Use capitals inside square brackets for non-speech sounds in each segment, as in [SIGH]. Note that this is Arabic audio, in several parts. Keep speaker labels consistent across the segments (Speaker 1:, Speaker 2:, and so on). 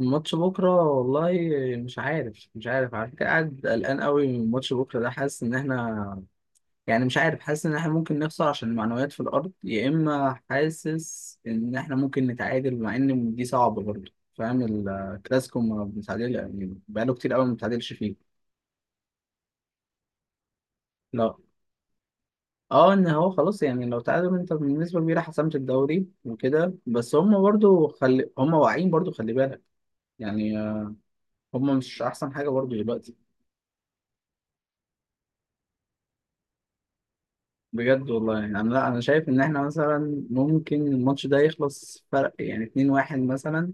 Speaker 1: الماتش بكرة والله. مش عارف على فكرة، قاعد قلقان قوي من ماتش بكرة ده. حاسس إن إحنا، يعني مش عارف، حاسس إن إحنا ممكن نخسر عشان المعنويات في الأرض، يا إما حاسس إن إحنا ممكن نتعادل، مع إن دي صعبة برضه. فاهم؟ الكلاسيكو ما بنتعادل يعني، بقاله كتير قوي ما بنتعادلش فيه. لا. اه، ان هو خلاص يعني لو تعادل انت بالنسبه كبيره، حسمت الدوري وكده، بس هم برضو خلي هم واعيين، برضو خلي بالك. يعني هم مش احسن حاجه برضو دلوقتي. بجد والله. يعني انا، لا، انا شايف ان احنا مثلا ممكن الماتش ده يخلص فرق يعني 2-1 مثلا،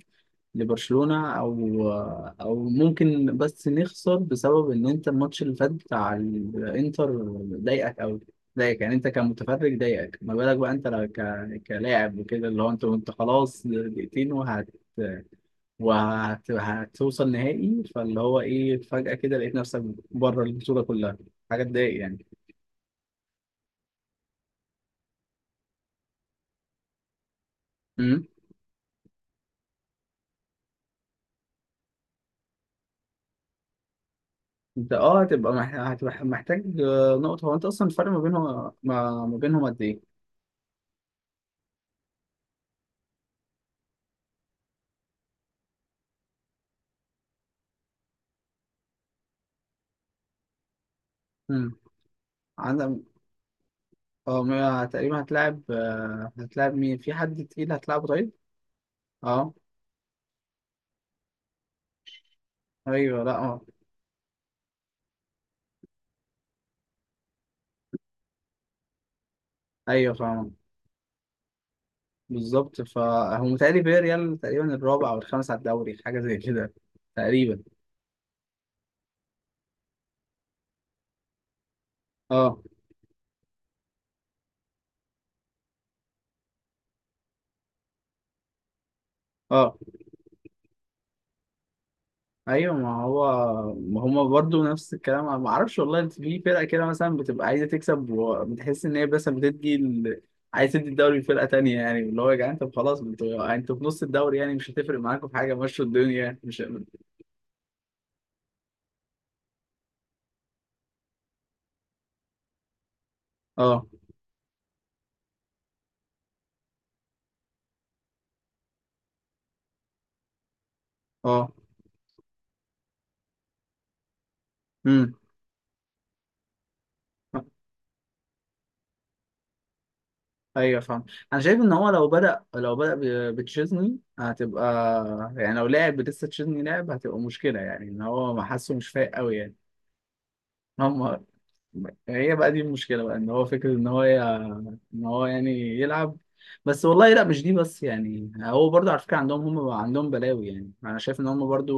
Speaker 1: لبرشلونة. او ممكن بس نخسر، بسبب ان انت الماتش اللي فات بتاع الانتر ضايقك قوي. ضايقك يعني، انت كمتفرج ضايقك، ما بالك بقى انت لو كلاعب وكده. اللي هو انت خلاص دقيقتين هتوصل نهائي، فاللي هو ايه، فجأة كده لقيت نفسك بره البطولة كلها. حاجة تضايق. يعني انت هتبقى هتبقى محتاج نقطة. هو انت اصلا الفرق ما بينهم، ما بينهم قد ايه؟ امم. عندك. اه، تقريبا هتلاعب، هتلاعب مين؟ في حد تقيل هتلاعبه طيب؟ اه. ايوه. لا. اه. ايوه، فاهم. بالظبط. فهو متهيألي فياريال تقريبا الرابع او الخامس على الدوري، حاجة زي كده تقريبا. اه. اه. ايوه، ما هو، ما هما برضو نفس الكلام. ما اعرفش والله، انت في فرقه كده مثلا بتبقى عايزه تكسب، وبتحس ان هي بس عايز تدي الدوري لفرقه تانية. يعني اللي هو، يا جدعان، طب خلاص، انتوا في نص الدوري، يعني مش هتفرق معاكم في حاجه، مشوا الدنيا يعني. مش. اه. اه. امم. ايوه، فاهم. انا شايف ان هو لو بدأ بتشيزني هتبقى، يعني لو لعب لسه تشيزني لعب هتبقى مشكله، يعني ان هو ما حاسه مش فايق قوي يعني. هم هي بقى دي المشكلة بقى، ان هو فكرة ان هو يعني يلعب. بس والله لا، مش دي بس يعني. هو برضه على فكرة عندهم، هم عندهم بلاوي، يعني انا شايف ان هم برضه.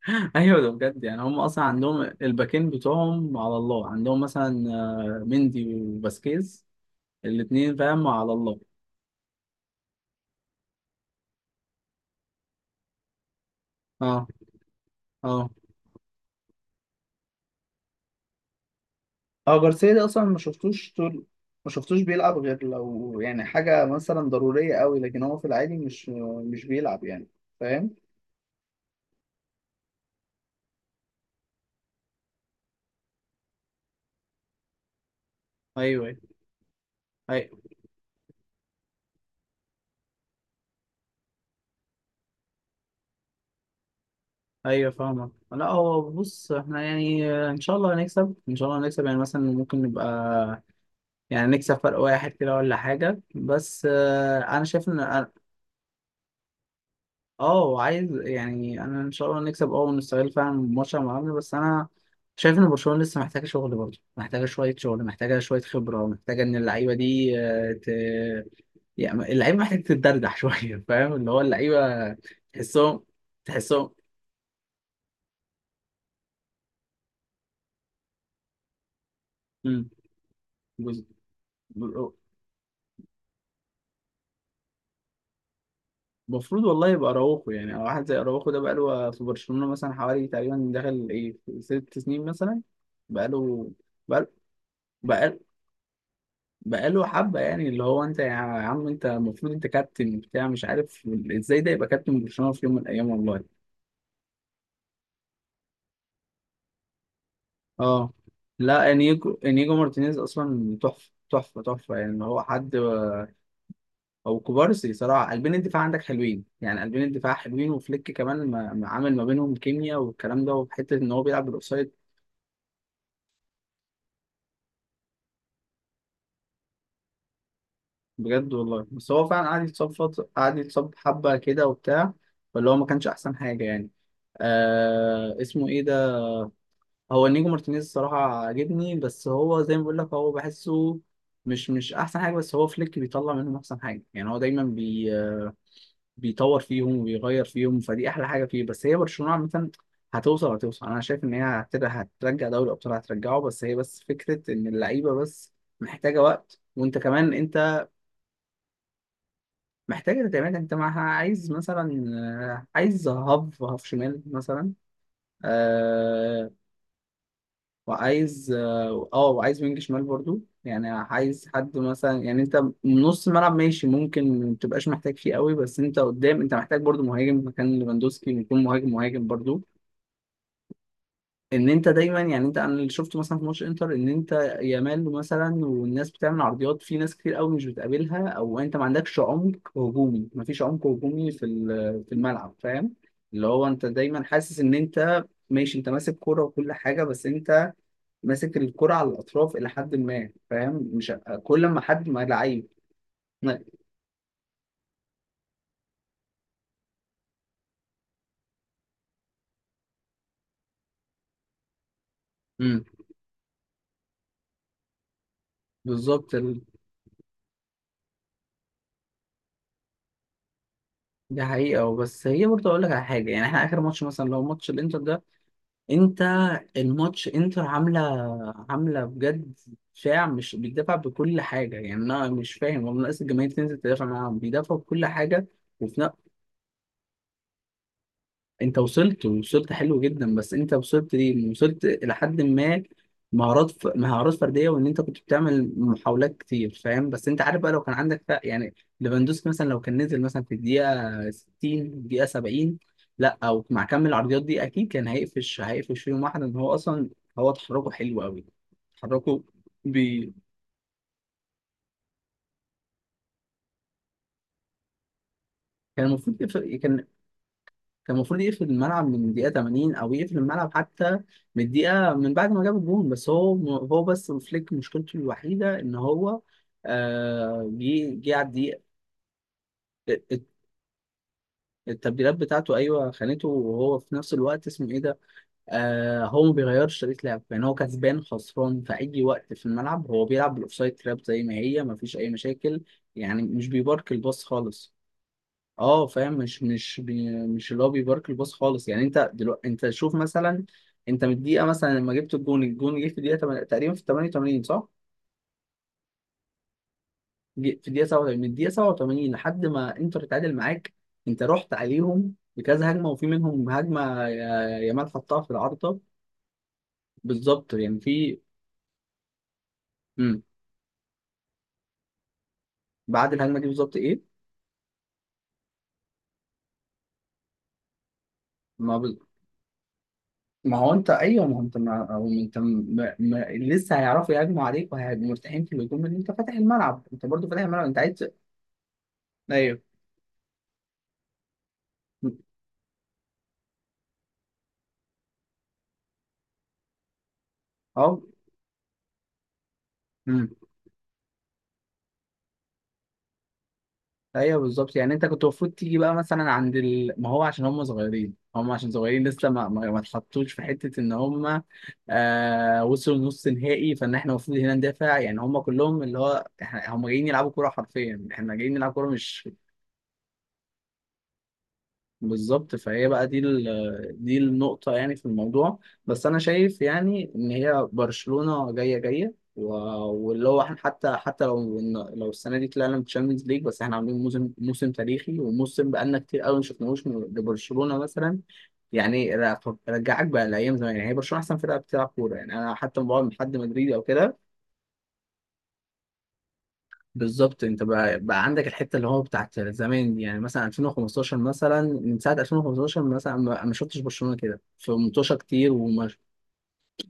Speaker 1: [LAUGHS] ايوه ده بجد. يعني هم اصلا عندهم الباكين بتوعهم على الله، عندهم مثلا مندي وباسكيز، الاتنين فاهم على الله. اه. اه. اه، جارسيا ده اصلا ما شفتوش طول. ما شفتوش بيلعب غير لو يعني حاجة مثلا ضرورية قوي، لكن هو في العادي مش بيلعب يعني. فاهم؟ ايوه. أيوة. ايوه فاهمك. لا هو بص، احنا يعني ان شاء الله هنكسب. ان شاء الله هنكسب يعني، مثلا ممكن نبقى يعني نكسب فرق واحد كده ولا حاجه، بس انا شايف ان أنا- اه عايز، يعني انا ان شاء الله نكسب، اه، ونستغل فعلا ماتش مع بعض. بس انا شايف ان برشلونه لسه محتاجه شغل برضه، محتاجه شويه شغل، محتاجه شويه خبره، محتاجه ان اللعيبه دي يعني اللعيبه محتاجه تتدردح [LAUGHS] شويه، فاهم؟ اللي هو اللعيبه تحسهم. تحسهم. مم. المفروض والله يبقى اراوخو، يعني او واحد زي اراوخو ده بقاله في برشلونة مثلا حوالي تقريبا دخل ايه في 6 سنين مثلا. بقاله بقاله بقاله, بقاله حبة، يعني اللي هو انت يا عم، انت المفروض انت كابتن بتاع مش عارف ازاي ده يبقى كابتن برشلونة في يوم من الايام، والله. اه، لا، انيجو مارتينيز اصلا تحفة، تحفة، تحفة، يعني هو حد. او كوبارسي صراحة، قلبين الدفاع عندك حلوين يعني، قلبين الدفاع حلوين. وفليك كمان ما عامل ما بينهم كيمياء والكلام ده، وحتة ان هو بيلعب بالاوفسايد. بجد والله. بس هو فعلا قعد يتصاب فترة، قعد يتصاب حبة كده وبتاع، فاللي هو ما كانش أحسن حاجة يعني. اسمه إيه ده، هو نيجو مارتينيز الصراحة عاجبني، بس هو زي ما بقول لك، هو بحسه مش أحسن حاجة، بس هو فليك بيطلع منهم أحسن حاجة. يعني هو دايما بي آه، بيطور فيهم وبيغير فيهم، فدي أحلى حاجة فيه. بس هي برشلونة عامة هتوصل. هتوصل. أنا شايف إن هي هترجع دوري الأبطال، هترجعه. بس هي بس فكرة إن اللعيبة بس محتاجة وقت. وأنت كمان أنت محتاجة تعمل انت معها، عايز مثلا عايز هاف شمال مثلا. آه وعايز اه آه، وعايز وينج شمال برضو. يعني عايز حد مثلا، يعني انت نص ملعب ماشي، ممكن ما تبقاش محتاج فيه قوي، بس انت قدام انت محتاج برضو مهاجم، مكان ليفاندوسكي يكون مهاجم، برضو. ان انت دايما يعني، انت اللي شفته مثلا في ماتش انتر، ان انت يامال مثلا والناس بتعمل عرضيات، في ناس كتير قوي مش بتقابلها، او انت ما عندكش عمق هجومي، ما فيش عمق هجومي في الملعب، فاهم؟ اللي هو انت دايما حاسس ان انت ماشي، انت ماسك كرة وكل حاجة، بس انت ماسك الكرة على الاطراف الى حد ما، فاهم؟ مش كل ما حد ما لعيب. امم بالظبط. دي حقيقة. بس هي برضه أقول لك على حاجة، يعني إحنا آخر ماتش مثلا لو ماتش الإنتر ده، أنت، لا الماتش انتر عامله. عامله بجد، شاع مش بيدافع بكل حاجه، يعني انا مش فاهم والله، ناقص الجماهير تنزل تدافع معاهم، بيدافعوا بكل حاجه. وفي ن- انت وصلت، ووصلت حلو جدا، بس انت وصلت ليه، وصلت الى حد ما مهارات فرديه، وان انت كنت بتعمل محاولات كتير، فاهم؟ بس انت عارف بقى، لو كان عندك يعني ليفاندوسكي مثلا لو كان نزل مثلا في الدقيقه 60، الدقيقه 70، لا او مع كم العرضيات دي اكيد كان هيقفش فيهم واحد، ان هو اصلا هو تحركه حلو قوي، تحركه بي... كان المفروض يف- كان كان المفروض يقفل الملعب من الدقيقة 80، أو يقفل الملعب حتى من الدقيقة من بعد ما جاب الجون. بس هو بس فليك مشكلته الوحيدة إن هو جه على الدقيقة. آه، آه، التبديلات بتاعته، أيوه، خانته، وهو في نفس الوقت اسمه إيه ده، هو ما بيغيرش طريقة لعب. يعني هو كسبان خسران في أي وقت في الملعب، هو بيلعب بالأوفسايد تراب زي ما هي، ما فيش أي مشاكل يعني، مش بيبارك الباص خالص. اه، فاهم. مش اللي هو بيبارك الباص خالص، يعني انت دلوقتي، انت شوف مثلا، انت من الدقيقه مثلا لما جبت الجون جه في الدقيقه تقريبا في 88 صح؟ جه في الدقيقه 87، من الدقيقه 87 لحد ما انتر اتعادل معاك، انت رحت عليهم بكذا هجمه، وفي منهم هجمه يامال حطها في العارضه. بالظبط. يعني في، امم بعد الهجمه دي بالظبط ايه؟ ما بز... ما هو انت، ايوه، ما هو انت ما... ما... لسه هيعرفوا يهاجموا عليك، وهيبقوا مرتاحين في الهجوم ان انت فاتح الملعب. انت برضو فاتح الملعب، انت عايز. ايوه. اه. امم. ايوه بالظبط. يعني انت كنت المفروض تيجي بقى مثلا عند ما هو عشان هم صغيرين، هم عشان صغيرين لسه ما اتحطوش في حته ان هم وصلوا نص نهائي. فان احنا المفروض هنا ندافع، يعني هم كلهم اللي هو احنا، هم جايين يلعبوا كوره حرفيا، احنا جايين نلعب كوره مش. بالظبط. فهي بقى دي دي النقطة يعني في الموضوع. بس أنا شايف يعني إن هي برشلونة جاية. جاية واللي هو احنا، حتى لو السنة دي طلعنا من تشامبيونز ليج، بس احنا عاملين موسم، موسم تاريخي، وموسم بقالنا كتير قوي ما شفناهوش لبرشلونة مثلا. يعني رجعك بقى لأيام زمان. يعني هي برشلونة أحسن فرقة بتلعب كورة. يعني أنا حتى لما بقعد مع حد مدريدي أو كده، بالظبط. انت بقى عندك الحته اللي هو بتاعت زمان، يعني مثلا 2015. مثلا من ساعه 2015 مثلا ما شفتش برشلونه كده في منتوشه كتير، وما.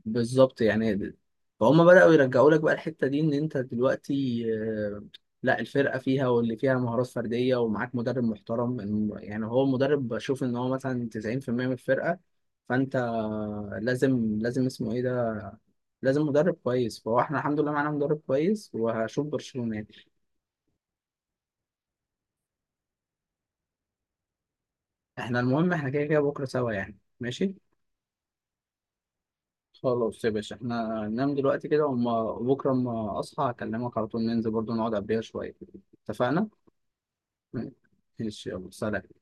Speaker 1: بالظبط يعني. فهم بداوا يرجعوا لك بقى الحته دي، ان انت دلوقتي لا، الفرقه فيها، واللي فيها مهارات فرديه، ومعاك مدرب محترم. يعني هو المدرب بشوف ان هو مثلا 90% من الفرقه، فانت لازم اسمه ايه ده، لازم مدرب كويس. فهو احنا الحمد لله معانا مدرب كويس، وهشوف برشلونه يعني. احنا المهم احنا كده كده بكرة سوا يعني، ماشي. خلاص يا باشا، احنا ننام دلوقتي كده، وما بكرة اما اصحى اكلمك على طول. ننزل برضو نقعد قبلها شوية. اتفقنا؟ ماشي يلا سلام.